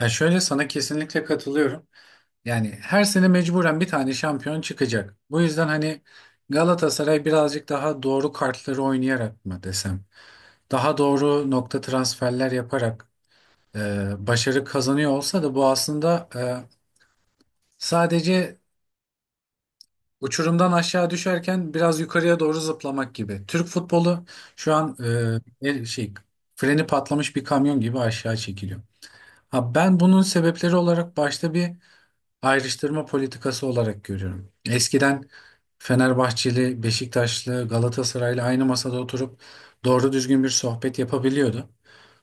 Ya şöyle sana kesinlikle katılıyorum. Yani her sene mecburen bir tane şampiyon çıkacak. Bu yüzden hani Galatasaray birazcık daha doğru kartları oynayarak mı desem, daha doğru nokta transferler yaparak başarı kazanıyor olsa da bu aslında sadece uçurumdan aşağı düşerken biraz yukarıya doğru zıplamak gibi. Türk futbolu şu an e, el- şey freni patlamış bir kamyon gibi aşağı çekiliyor. Ha, ben bunun sebepleri olarak başta bir ayrıştırma politikası olarak görüyorum. Eskiden Fenerbahçeli, Beşiktaşlı, Galatasaraylı aynı masada oturup doğru düzgün bir sohbet yapabiliyordu.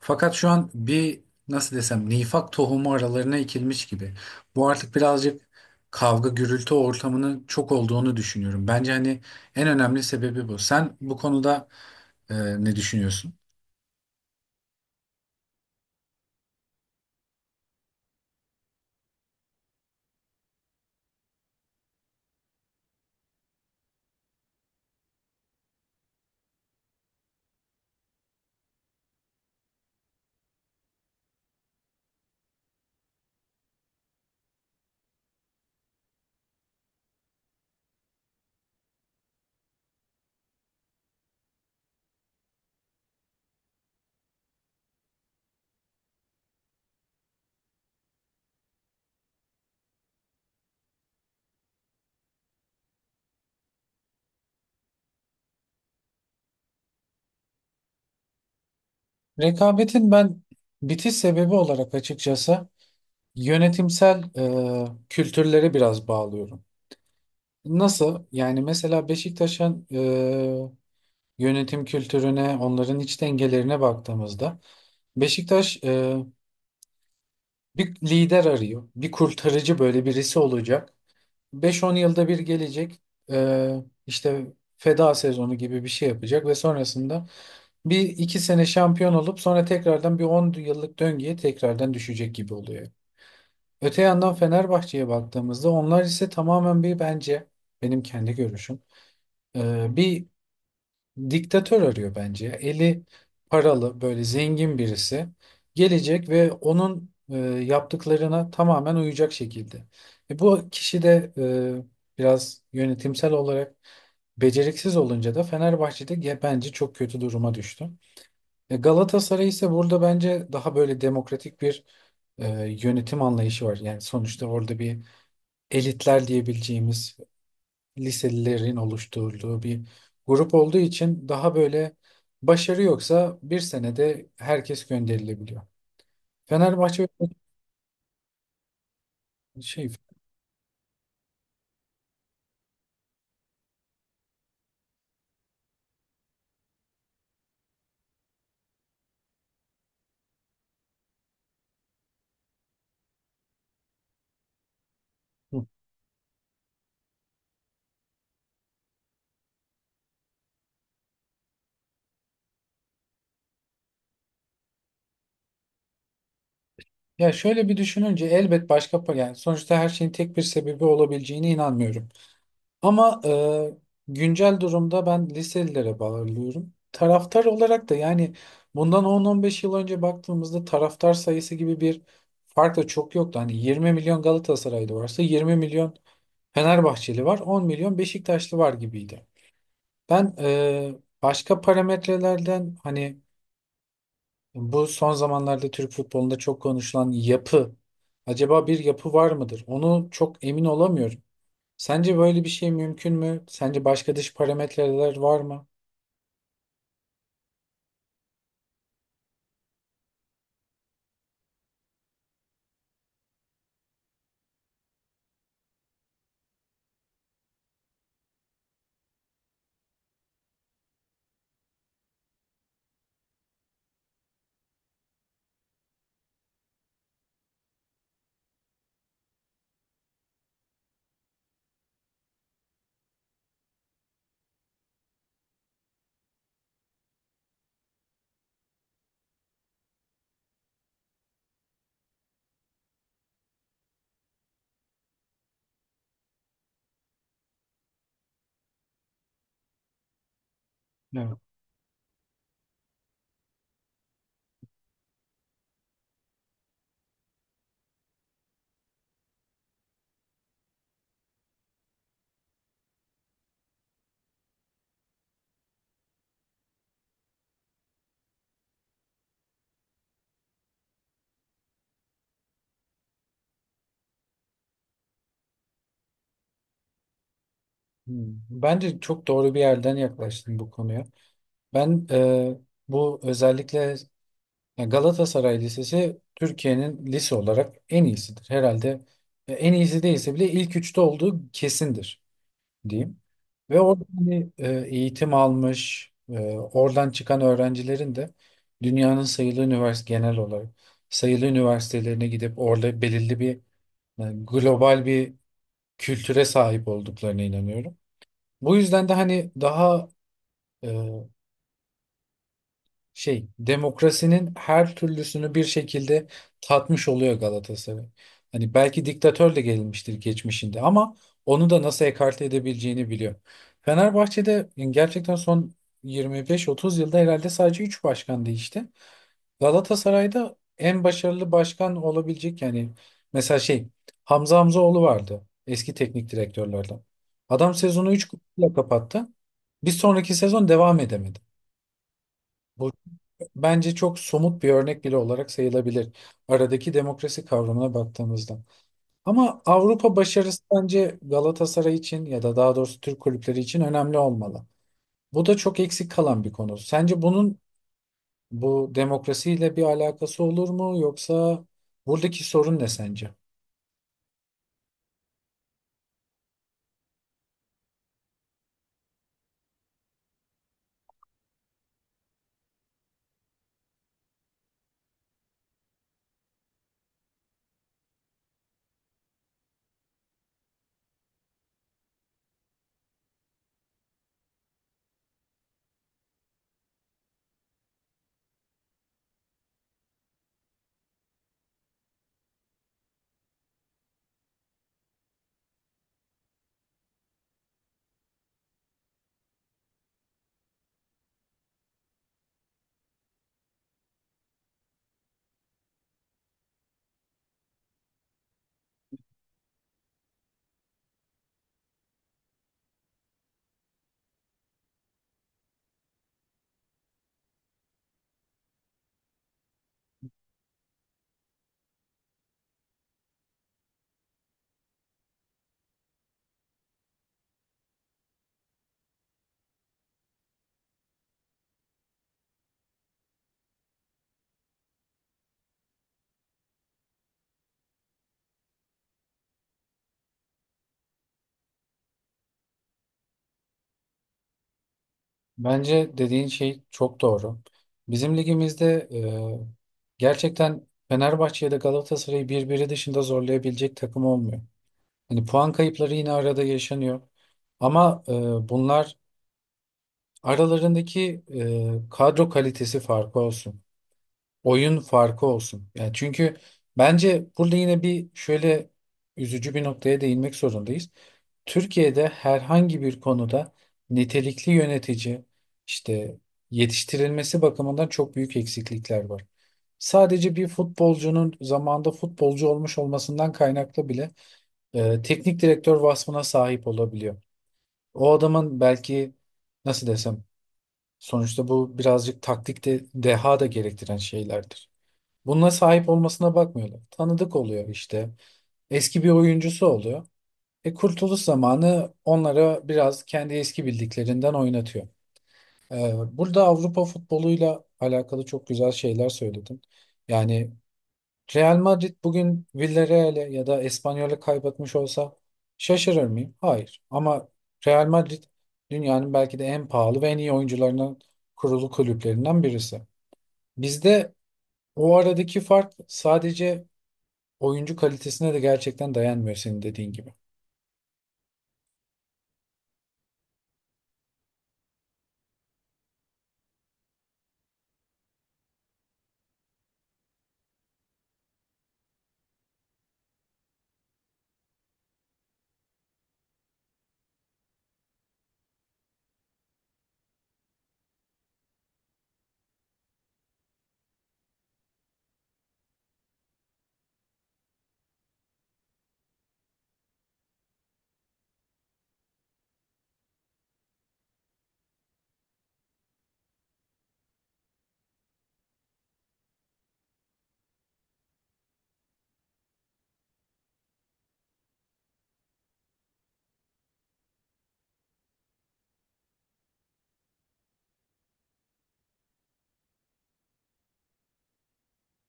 Fakat şu an bir nasıl desem nifak tohumu aralarına ekilmiş gibi. Bu artık birazcık kavga gürültü ortamının çok olduğunu düşünüyorum. Bence hani en önemli sebebi bu. Sen bu konuda e, ne düşünüyorsun? Rekabetin ben bitiş sebebi olarak açıkçası yönetimsel kültürlere biraz bağlıyorum. Nasıl? Yani mesela Beşiktaş'ın yönetim kültürüne, onların iç dengelerine baktığımızda Beşiktaş bir lider arıyor. Bir kurtarıcı böyle birisi olacak. 5-10 yılda bir gelecek. E, işte feda sezonu gibi bir şey yapacak ve sonrasında bir iki sene şampiyon olup sonra tekrardan bir 10 yıllık döngüye tekrardan düşecek gibi oluyor. Öte yandan Fenerbahçe'ye baktığımızda onlar ise tamamen bir bence benim kendi görüşüm bir diktatör arıyor bence. Eli paralı böyle zengin birisi gelecek ve onun yaptıklarına tamamen uyacak şekilde. Bu kişi de biraz yönetimsel olarak beceriksiz olunca da Fenerbahçe'de bence çok kötü duruma düştü. Galatasaray ise burada bence daha böyle demokratik bir e, yönetim anlayışı var. Yani sonuçta orada bir elitler diyebileceğimiz liselilerin oluşturduğu bir grup olduğu için daha böyle başarı yoksa bir senede herkes gönderilebiliyor. Fenerbahçe. şey Hı. Ya şöyle bir düşününce elbet başka yani sonuçta her şeyin tek bir sebebi olabileceğine inanmıyorum. Ama güncel durumda ben liselilere bağlıyorum. Taraftar olarak da yani bundan 10-15 yıl önce baktığımızda taraftar sayısı gibi bir fark da çok yoktu. Hani 20 milyon Galatasaraylı varsa 20 milyon Fenerbahçeli var, 10 milyon Beşiktaşlı var gibiydi. Ben başka parametrelerden hani bu son zamanlarda Türk futbolunda çok konuşulan yapı, acaba bir yapı var mıdır? Onu çok emin olamıyorum. Sence böyle bir şey mümkün mü? Sence başka dış parametreler var mı? Evet. Hmm, bence çok doğru bir yerden yaklaştın bu konuya. Ben bu özellikle ya Galatasaray Lisesi Türkiye'nin lise olarak en iyisidir. Herhalde en iyisi değilse bile ilk üçte olduğu kesindir diyeyim. Ve orada hani, eğitim almış, oradan çıkan öğrencilerin de dünyanın sayılı üniversite genel olarak sayılı üniversitelerine gidip orada belirli bir yani global bir kültüre sahip olduklarına inanıyorum. Bu yüzden de hani daha e, demokrasinin her türlüsünü bir şekilde tatmış oluyor Galatasaray. Hani belki diktatör de gelmiştir geçmişinde ama onu da nasıl ekarte edebileceğini biliyor. Fenerbahçe'de yani gerçekten son 25-30 yılda herhalde sadece 3 başkan değişti. Galatasaray'da en başarılı başkan olabilecek yani mesela Hamza Hamzaoğlu vardı eski teknik direktörlerden. Adam sezonu 3 kupayla kapattı. Bir sonraki sezon devam edemedi. Bu bence çok somut bir örnek bile olarak sayılabilir aradaki demokrasi kavramına baktığımızda. Ama Avrupa başarısı bence Galatasaray için ya da daha doğrusu Türk kulüpleri için önemli olmalı. Bu da çok eksik kalan bir konu. Sence bunun bu demokrasiyle bir alakası olur mu yoksa buradaki sorun ne sence? Bence dediğin şey çok doğru. Bizim ligimizde gerçekten Fenerbahçe ya da Galatasaray'ı birbiri dışında zorlayabilecek takım olmuyor. Hani puan kayıpları yine arada yaşanıyor. Ama bunlar aralarındaki kadro kalitesi farkı olsun. Oyun farkı olsun. Yani çünkü bence burada yine bir şöyle üzücü bir noktaya değinmek zorundayız. Türkiye'de herhangi bir konuda nitelikli yönetici işte yetiştirilmesi bakımından çok büyük eksiklikler var. Sadece bir futbolcunun zamanında futbolcu olmuş olmasından kaynaklı bile teknik direktör vasfına sahip olabiliyor. O adamın belki nasıl desem sonuçta bu birazcık taktikte deha da gerektiren şeylerdir. Bununla sahip olmasına bakmıyorlar. Tanıdık oluyor işte. Eski bir oyuncusu oluyor. Kurtuluş zamanı onlara biraz kendi eski bildiklerinden oynatıyor. Burada Avrupa futboluyla alakalı çok güzel şeyler söyledin. Yani Real Madrid bugün Villarreal'e ya da Espanyol'e kaybetmiş olsa şaşırır mıyım? Hayır. Ama Real Madrid dünyanın belki de en pahalı ve en iyi oyuncularının kurulu kulüplerinden birisi. Bizde o aradaki fark sadece oyuncu kalitesine de gerçekten dayanmıyor senin dediğin gibi.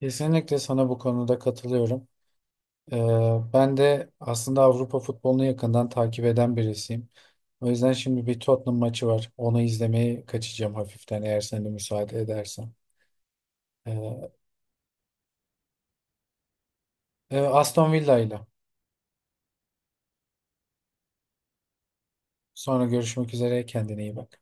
Kesinlikle sana bu konuda katılıyorum. Ee, ben de aslında Avrupa futbolunu yakından takip eden birisiyim. O yüzden şimdi bir Tottenham maçı var. Onu izlemeye kaçacağım hafiften eğer sen de müsaade edersen. Ee, Aston Villa ile. Sonra görüşmek üzere. Kendine iyi bak.